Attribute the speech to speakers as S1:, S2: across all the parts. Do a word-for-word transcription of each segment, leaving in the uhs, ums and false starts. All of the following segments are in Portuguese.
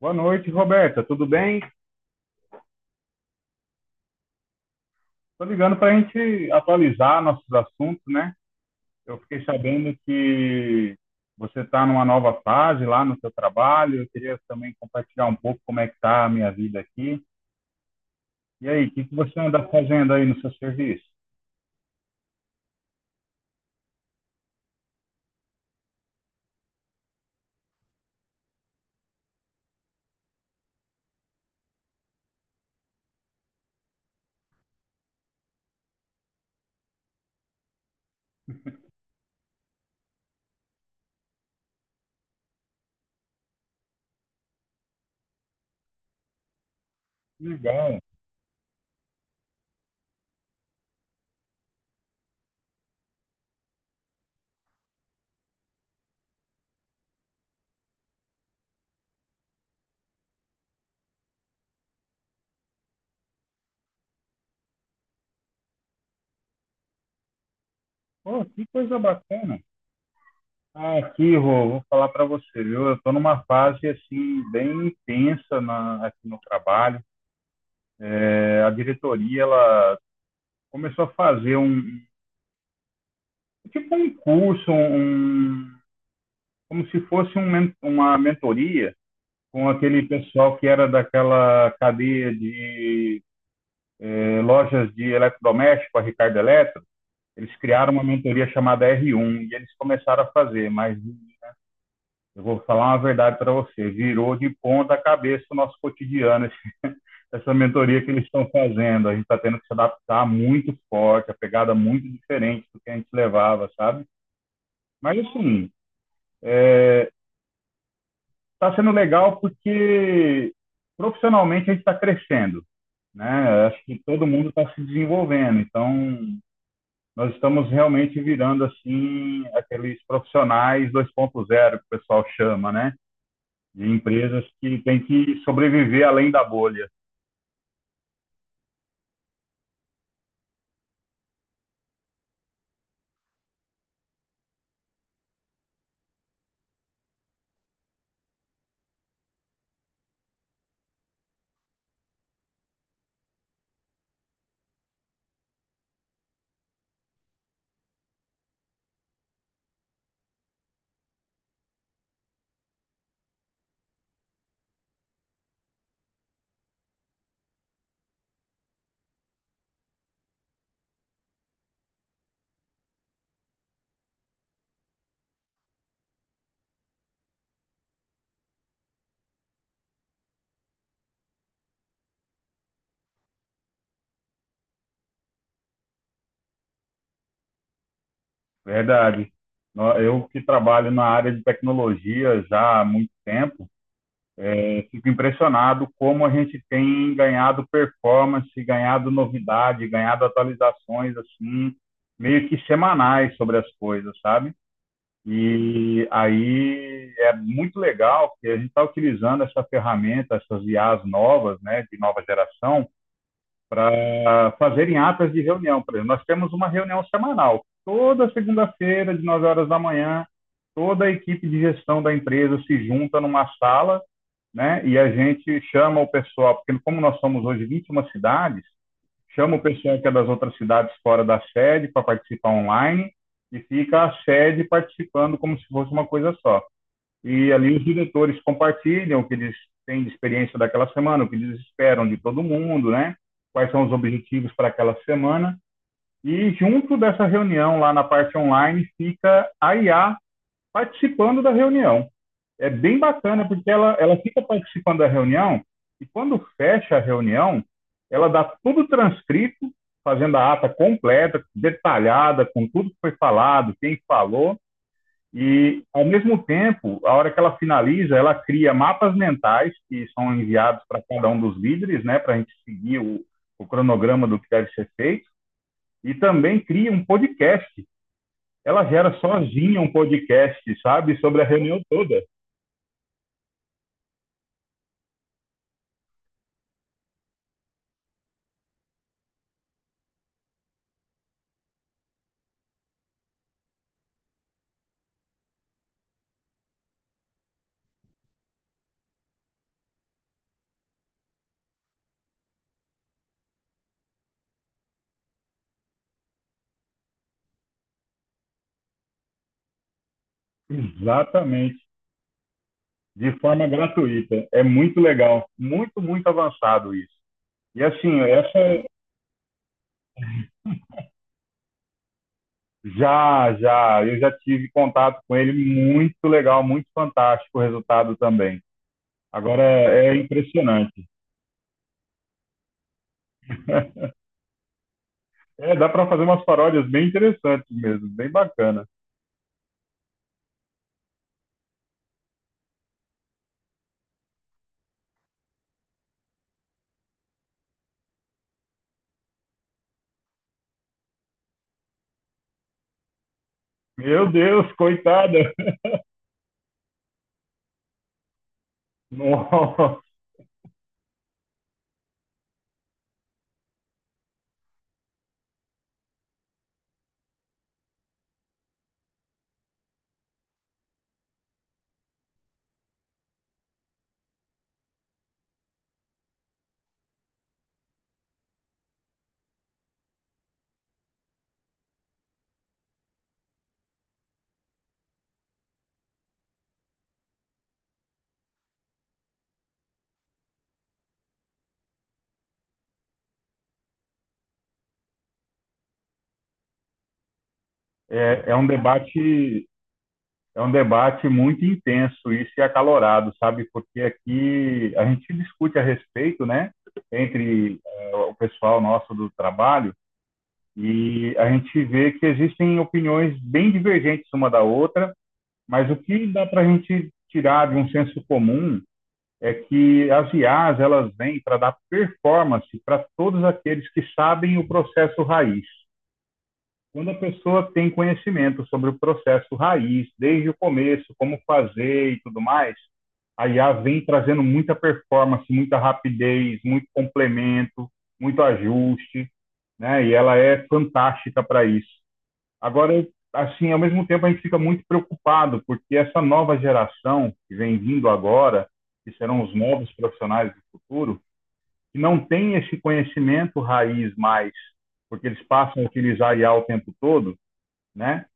S1: Boa noite, Roberta. Tudo bem? Estou ligando para a gente atualizar nossos assuntos, né? Eu fiquei sabendo que você está numa nova fase lá no seu trabalho. Eu queria também compartilhar um pouco como é que está a minha vida aqui. E aí, o que que você anda fazendo aí no seu serviço? Legal. Pô, que coisa bacana. Ah, aqui, Rô, vou falar para você, viu? Eu estou numa fase, assim, bem intensa na- aqui no trabalho. É, a diretoria, ela começou a fazer um, tipo um curso, um, como se fosse um uma mentoria com aquele pessoal que era daquela cadeia de eh, lojas de eletrodoméstico, a Ricardo Eletro. Eles criaram uma mentoria chamada R um e eles começaram a fazer, mas eu vou falar uma verdade para você, virou de ponta cabeça o nosso cotidiano, esse- essa mentoria que eles estão fazendo. A gente está tendo que se adaptar muito forte, a pegada muito diferente do que a gente levava, sabe? Mas assim, é, está sendo legal porque profissionalmente a gente está crescendo, né? Acho que todo mundo está se desenvolvendo, então nós estamos realmente virando assim aqueles profissionais dois ponto zero que o pessoal chama, né? De empresas que tem que sobreviver além da bolha, verdade. Eu que trabalho na área de tecnologia já há muito tempo, é, fico impressionado como a gente tem ganhado performance, ganhado novidade, ganhado atualizações assim, meio que semanais sobre as coisas, sabe? E aí é muito legal que a gente está utilizando essa ferramenta, essas I As novas, né, de nova geração, para fazerem atas de reunião. Por exemplo, nós temos uma reunião semanal, toda segunda-feira, de nove horas da manhã, toda a equipe de gestão da empresa se junta numa sala, né? E a gente chama o pessoal, porque como nós somos hoje vinte e uma cidades, chama o pessoal que é das outras cidades fora da sede para participar online e fica a sede participando como se fosse uma coisa só. E ali os diretores compartilham o que eles têm de experiência daquela semana, o que eles esperam de todo mundo, né? Quais são os objetivos para aquela semana. E junto dessa reunião lá na parte online fica a I A participando da reunião. É bem bacana, porque ela, ela fica participando da reunião e quando fecha a reunião, ela dá tudo transcrito, fazendo a ata completa, detalhada, com tudo que foi falado, quem falou, e, ao mesmo tempo, a hora que ela finaliza, ela cria mapas mentais que são enviados para cada um dos líderes, né, para a gente seguir o, o cronograma do que deve ser feito, e também cria um podcast, ela gera sozinha um podcast, sabe? Sobre a reunião toda. Exatamente. De forma gratuita. É muito legal. Muito, muito avançado isso. E assim, essa já, já, eu já tive contato com ele, muito legal, muito fantástico o resultado também. Agora é é impressionante. É, dá para fazer umas paródias bem interessantes mesmo, bem bacana. Meu Deus, coitada! Nossa. É, é um debate é um debate muito intenso isso e acalorado, sabe? Porque aqui a gente discute a respeito, né? Entre uh, o pessoal nosso do trabalho e a gente vê que existem opiniões bem divergentes uma da outra, mas o que dá para a gente tirar de um senso comum é que as I As, elas vêm para dar performance para todos aqueles que sabem o processo raiz. Quando a pessoa tem conhecimento sobre o processo raiz, desde o começo, como fazer e tudo mais, a I A vem trazendo muita performance, muita rapidez, muito complemento, muito ajuste, né? E ela é fantástica para isso. Agora, assim, ao mesmo tempo a gente fica muito preocupado, porque essa nova geração que vem vindo agora, que serão os novos profissionais do futuro, que não tem esse conhecimento raiz mais, porque eles passam a utilizar I A o tempo todo, né?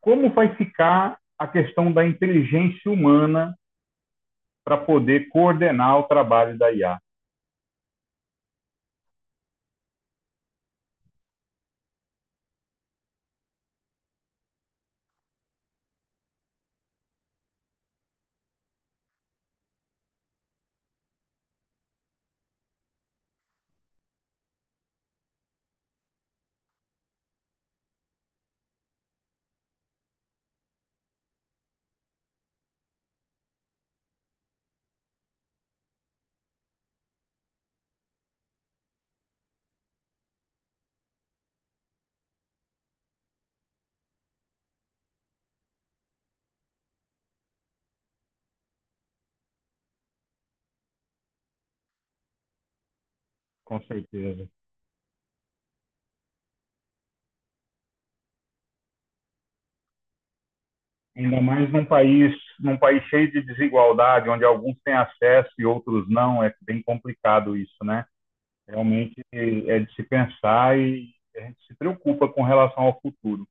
S1: Como vai ficar a questão da inteligência humana para poder coordenar o trabalho da I A? Com certeza. Ainda mais num país, num país cheio de desigualdade, onde alguns têm acesso e outros não, é bem complicado isso, né? Realmente é de se pensar e a gente se preocupa com relação ao futuro,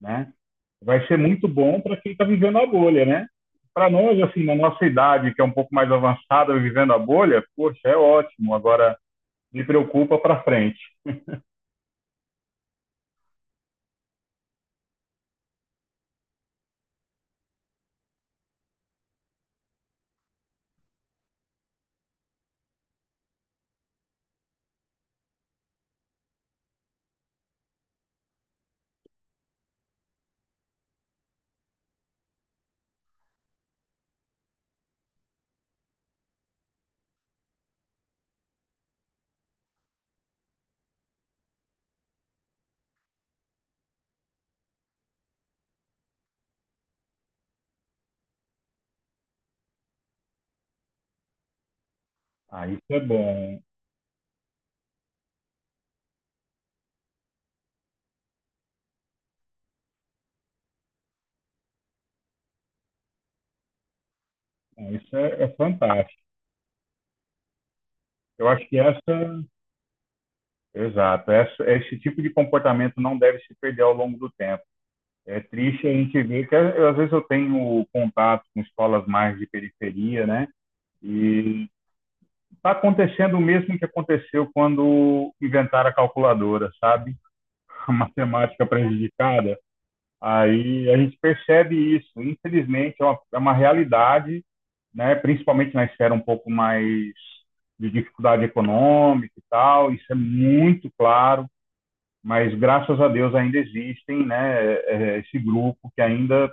S1: né? Vai ser muito bom para quem está vivendo a bolha, né? Para nós, assim, na nossa idade, que é um pouco mais avançada, vivendo a bolha, poxa, é ótimo. Agora, me preocupa para frente. Ah, isso é bom. Ah, isso é, é fantástico. Eu acho que essa, exato, essa, esse tipo de comportamento não deve se perder ao longo do tempo. É triste a gente ver que às vezes eu tenho contato com escolas mais de periferia, né? E está acontecendo o mesmo que aconteceu quando inventaram a calculadora, sabe? A matemática prejudicada. Aí a gente percebe isso, infelizmente é uma, é uma realidade, né? Principalmente na esfera um pouco mais de dificuldade econômica e tal, isso é muito claro, mas graças a Deus ainda existem, né? é, é, Esse grupo que ainda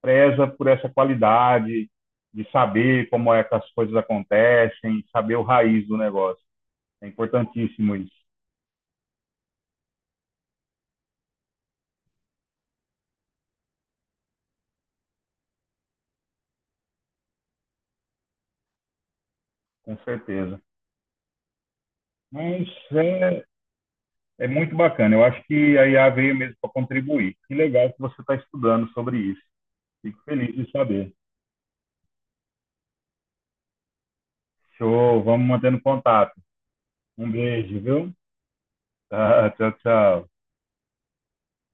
S1: preza por essa qualidade de saber como é que as coisas acontecem, saber o raiz do negócio. É importantíssimo isso, com certeza. Mas é, é muito bacana. Eu acho que a I A veio mesmo para contribuir. Que legal que você está estudando sobre isso. Fico feliz de saber. Show, vamos mantendo contato. Um beijo, viu? Tá, tchau, tchau.